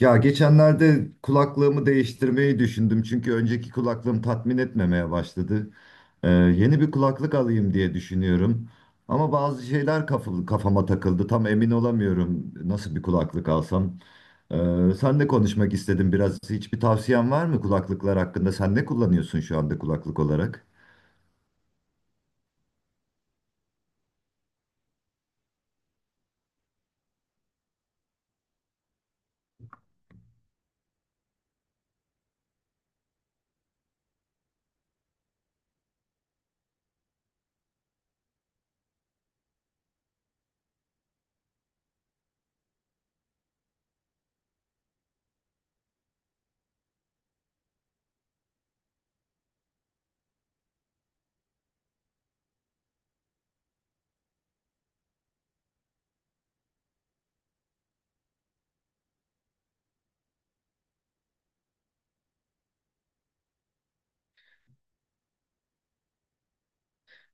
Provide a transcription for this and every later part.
Ya geçenlerde kulaklığımı değiştirmeyi düşündüm çünkü önceki kulaklığım tatmin etmemeye başladı. Yeni bir kulaklık alayım diye düşünüyorum. Ama bazı şeyler kafama takıldı. Tam emin olamıyorum nasıl bir kulaklık alsam. Sen de konuşmak istedim biraz. Hiçbir tavsiyen var mı kulaklıklar hakkında? Sen ne kullanıyorsun şu anda kulaklık olarak?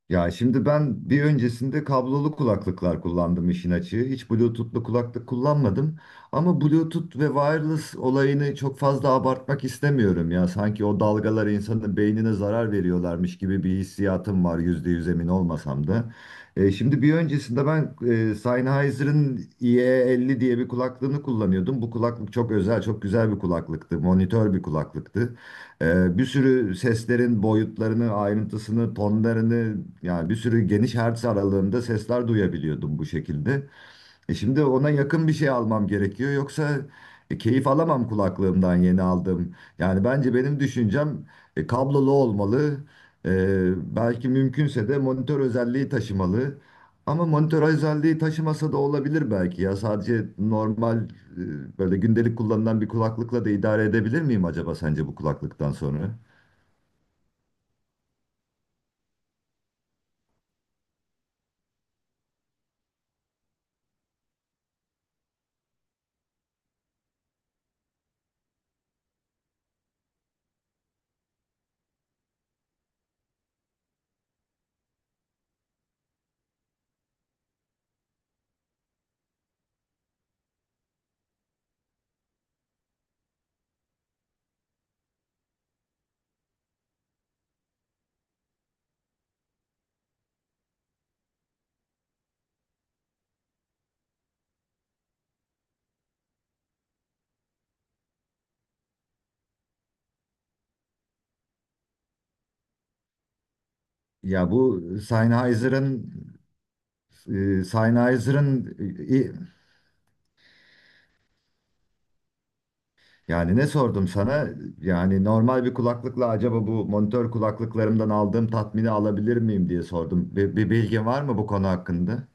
Ya şimdi ben bir öncesinde kablolu kulaklıklar kullandım işin açığı. Hiç Bluetooth'lu kulaklık kullanmadım. Ama Bluetooth ve wireless olayını çok fazla abartmak istemiyorum ya. Sanki o dalgalar insanın beynine zarar veriyorlarmış gibi bir hissiyatım var %100 emin olmasam da. Şimdi bir öncesinde ben Sennheiser'ın IE50 diye bir kulaklığını kullanıyordum. Bu kulaklık çok özel, çok güzel bir kulaklıktı. Monitör bir kulaklıktı. Bir sürü seslerin boyutlarını, ayrıntısını, tonlarını yani bir sürü geniş hertz aralığında sesler duyabiliyordum bu şekilde. Şimdi ona yakın bir şey almam gerekiyor. Yoksa keyif alamam kulaklığımdan yeni aldım. Yani bence benim düşüncem kablolu olmalı. Belki mümkünse de monitör özelliği taşımalı. Ama monitör özelliği taşımasa da olabilir belki ya. Sadece normal böyle gündelik kullanılan bir kulaklıkla da idare edebilir miyim acaba sence bu kulaklıktan sonra? Ya bu Sennheiser'ın e, Sennheiser'ın Yani ne sordum sana? Yani normal bir kulaklıkla acaba bu monitör kulaklıklarımdan aldığım tatmini alabilir miyim diye sordum. Bir bilgin var mı bu konu hakkında?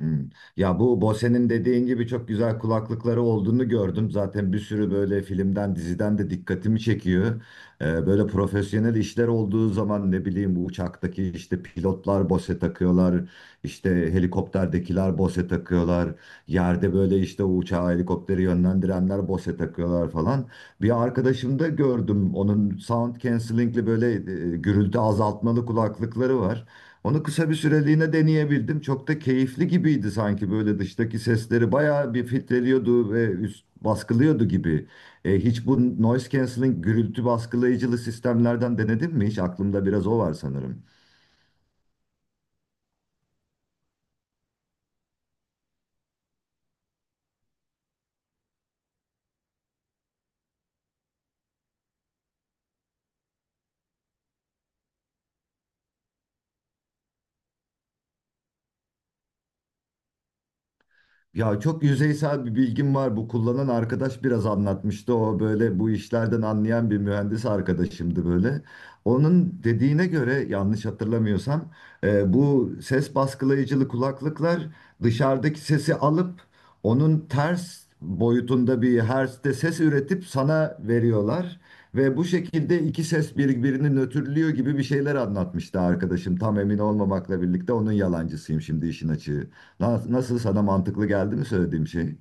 Hmm. Ya bu Bose'nin dediğin gibi çok güzel kulaklıkları olduğunu gördüm. Zaten bir sürü böyle filmden, diziden de dikkatimi çekiyor. Böyle profesyonel işler olduğu zaman ne bileyim bu uçaktaki işte pilotlar Bose takıyorlar. İşte helikopterdekiler Bose takıyorlar. Yerde böyle işte o uçağı helikopteri yönlendirenler Bose takıyorlar falan. Bir arkadaşımda gördüm onun sound cancelling'li böyle gürültü azaltmalı kulaklıkları var. Onu kısa bir süreliğine deneyebildim. Çok da keyifli gibiydi sanki böyle dıştaki sesleri bayağı bir filtreliyordu ve üst baskılıyordu gibi. Hiç bu noise cancelling gürültü baskılayıcılı sistemlerden denedin mi? Hiç aklımda biraz o var sanırım. Ya çok yüzeysel bir bilgim var. Bu kullanan arkadaş biraz anlatmıştı. O böyle bu işlerden anlayan bir mühendis arkadaşımdı böyle. Onun dediğine göre yanlış hatırlamıyorsam bu ses baskılayıcılı kulaklıklar dışarıdaki sesi alıp onun ters boyutunda bir hertzte ses üretip sana veriyorlar. Ve bu şekilde iki ses birbirini nötrlüyor gibi bir şeyler anlatmıştı arkadaşım. Tam emin olmamakla birlikte onun yalancısıyım şimdi işin açığı. Nasıl sana mantıklı geldi mi söylediğim şey?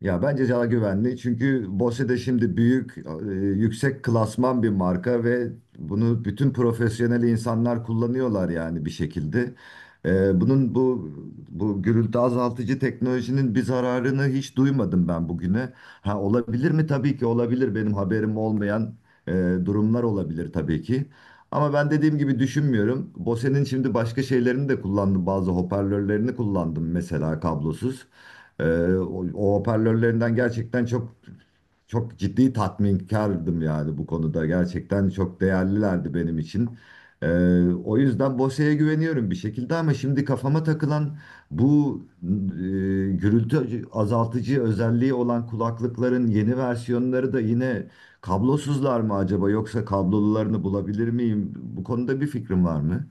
Ya bence daha güvenli. Çünkü Bose de şimdi büyük, yüksek klasman bir marka ve bunu bütün profesyonel insanlar kullanıyorlar yani bir şekilde. Bunun bu gürültü azaltıcı teknolojinin bir zararını hiç duymadım ben bugüne. Ha olabilir mi? Tabii ki olabilir. Benim haberim olmayan e, durumlar olabilir tabii ki. Ama ben dediğim gibi düşünmüyorum. Bose'nin şimdi başka şeylerini de kullandım. Bazı hoparlörlerini kullandım mesela kablosuz. Ee, o hoparlörlerinden gerçekten çok çok ciddi tatminkardım yani bu konuda. Gerçekten çok değerlilerdi benim için. Ee, O yüzden Bose'ye güveniyorum bir şekilde ama şimdi kafama takılan bu gürültü azaltıcı özelliği olan kulaklıkların yeni versiyonları da yine kablosuzlar mı acaba yoksa kablolularını bulabilir miyim? Bu konuda bir fikrim var mı?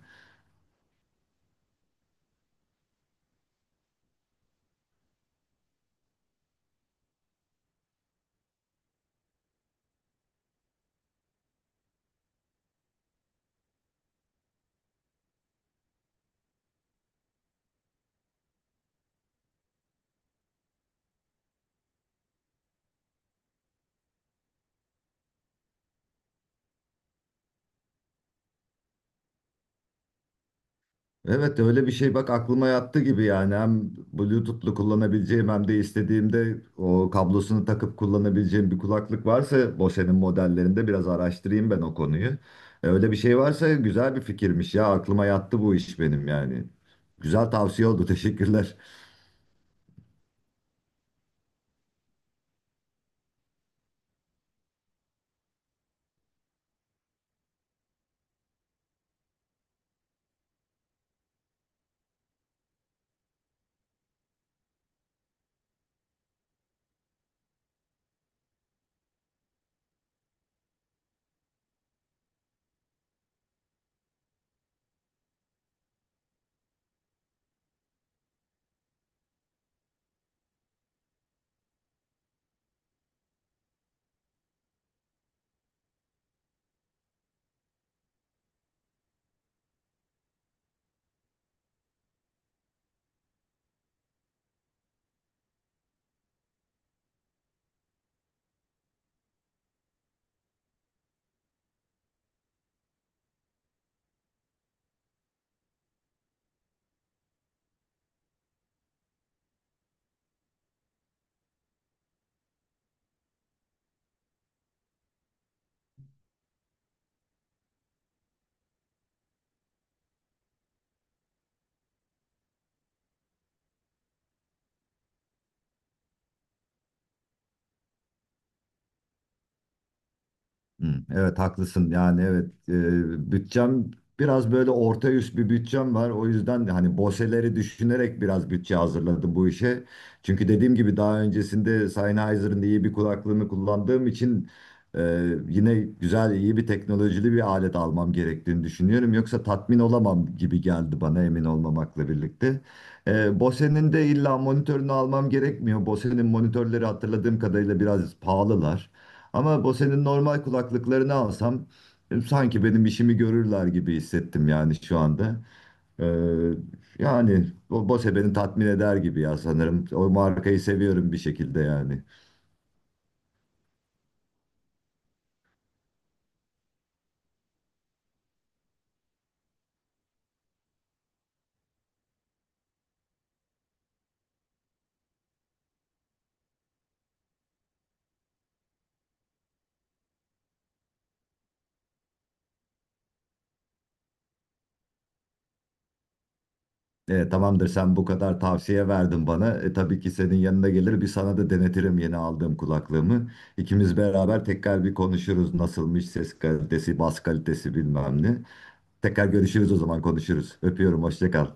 Evet öyle bir şey bak aklıma yattı gibi yani hem Bluetooth'lu kullanabileceğim hem de istediğimde o kablosunu takıp kullanabileceğim bir kulaklık varsa Bose'nin modellerinde biraz araştırayım ben o konuyu. Öyle bir şey varsa güzel bir fikirmiş ya aklıma yattı bu iş benim yani. Güzel tavsiye oldu teşekkürler. Hı, Evet haklısın yani evet bütçem biraz böyle orta üst bir bütçem var o yüzden de hani Bose'leri düşünerek biraz bütçe hazırladım bu işe. Çünkü dediğim gibi daha öncesinde Sennheiser'ın iyi bir kulaklığını kullandığım için e, yine güzel iyi bir teknolojili bir alet almam gerektiğini düşünüyorum. Yoksa tatmin olamam gibi geldi bana emin olmamakla birlikte. Bose'nin de illa monitörünü almam gerekmiyor. Bose'nin monitörleri hatırladığım kadarıyla biraz pahalılar. Ama bu senin normal kulaklıklarını alsam sanki benim işimi görürler gibi hissettim yani şu anda. Ee, Yani o Bose beni tatmin eder gibi ya sanırım. O markayı seviyorum bir şekilde yani. Tamamdır sen bu kadar tavsiye verdin bana. Tabii ki senin yanına gelir bir sana da denetirim yeni aldığım kulaklığımı. İkimiz beraber tekrar bir konuşuruz nasılmış ses kalitesi, bas kalitesi bilmem ne. Tekrar görüşürüz o zaman konuşuruz. Öpüyorum hoşça kal.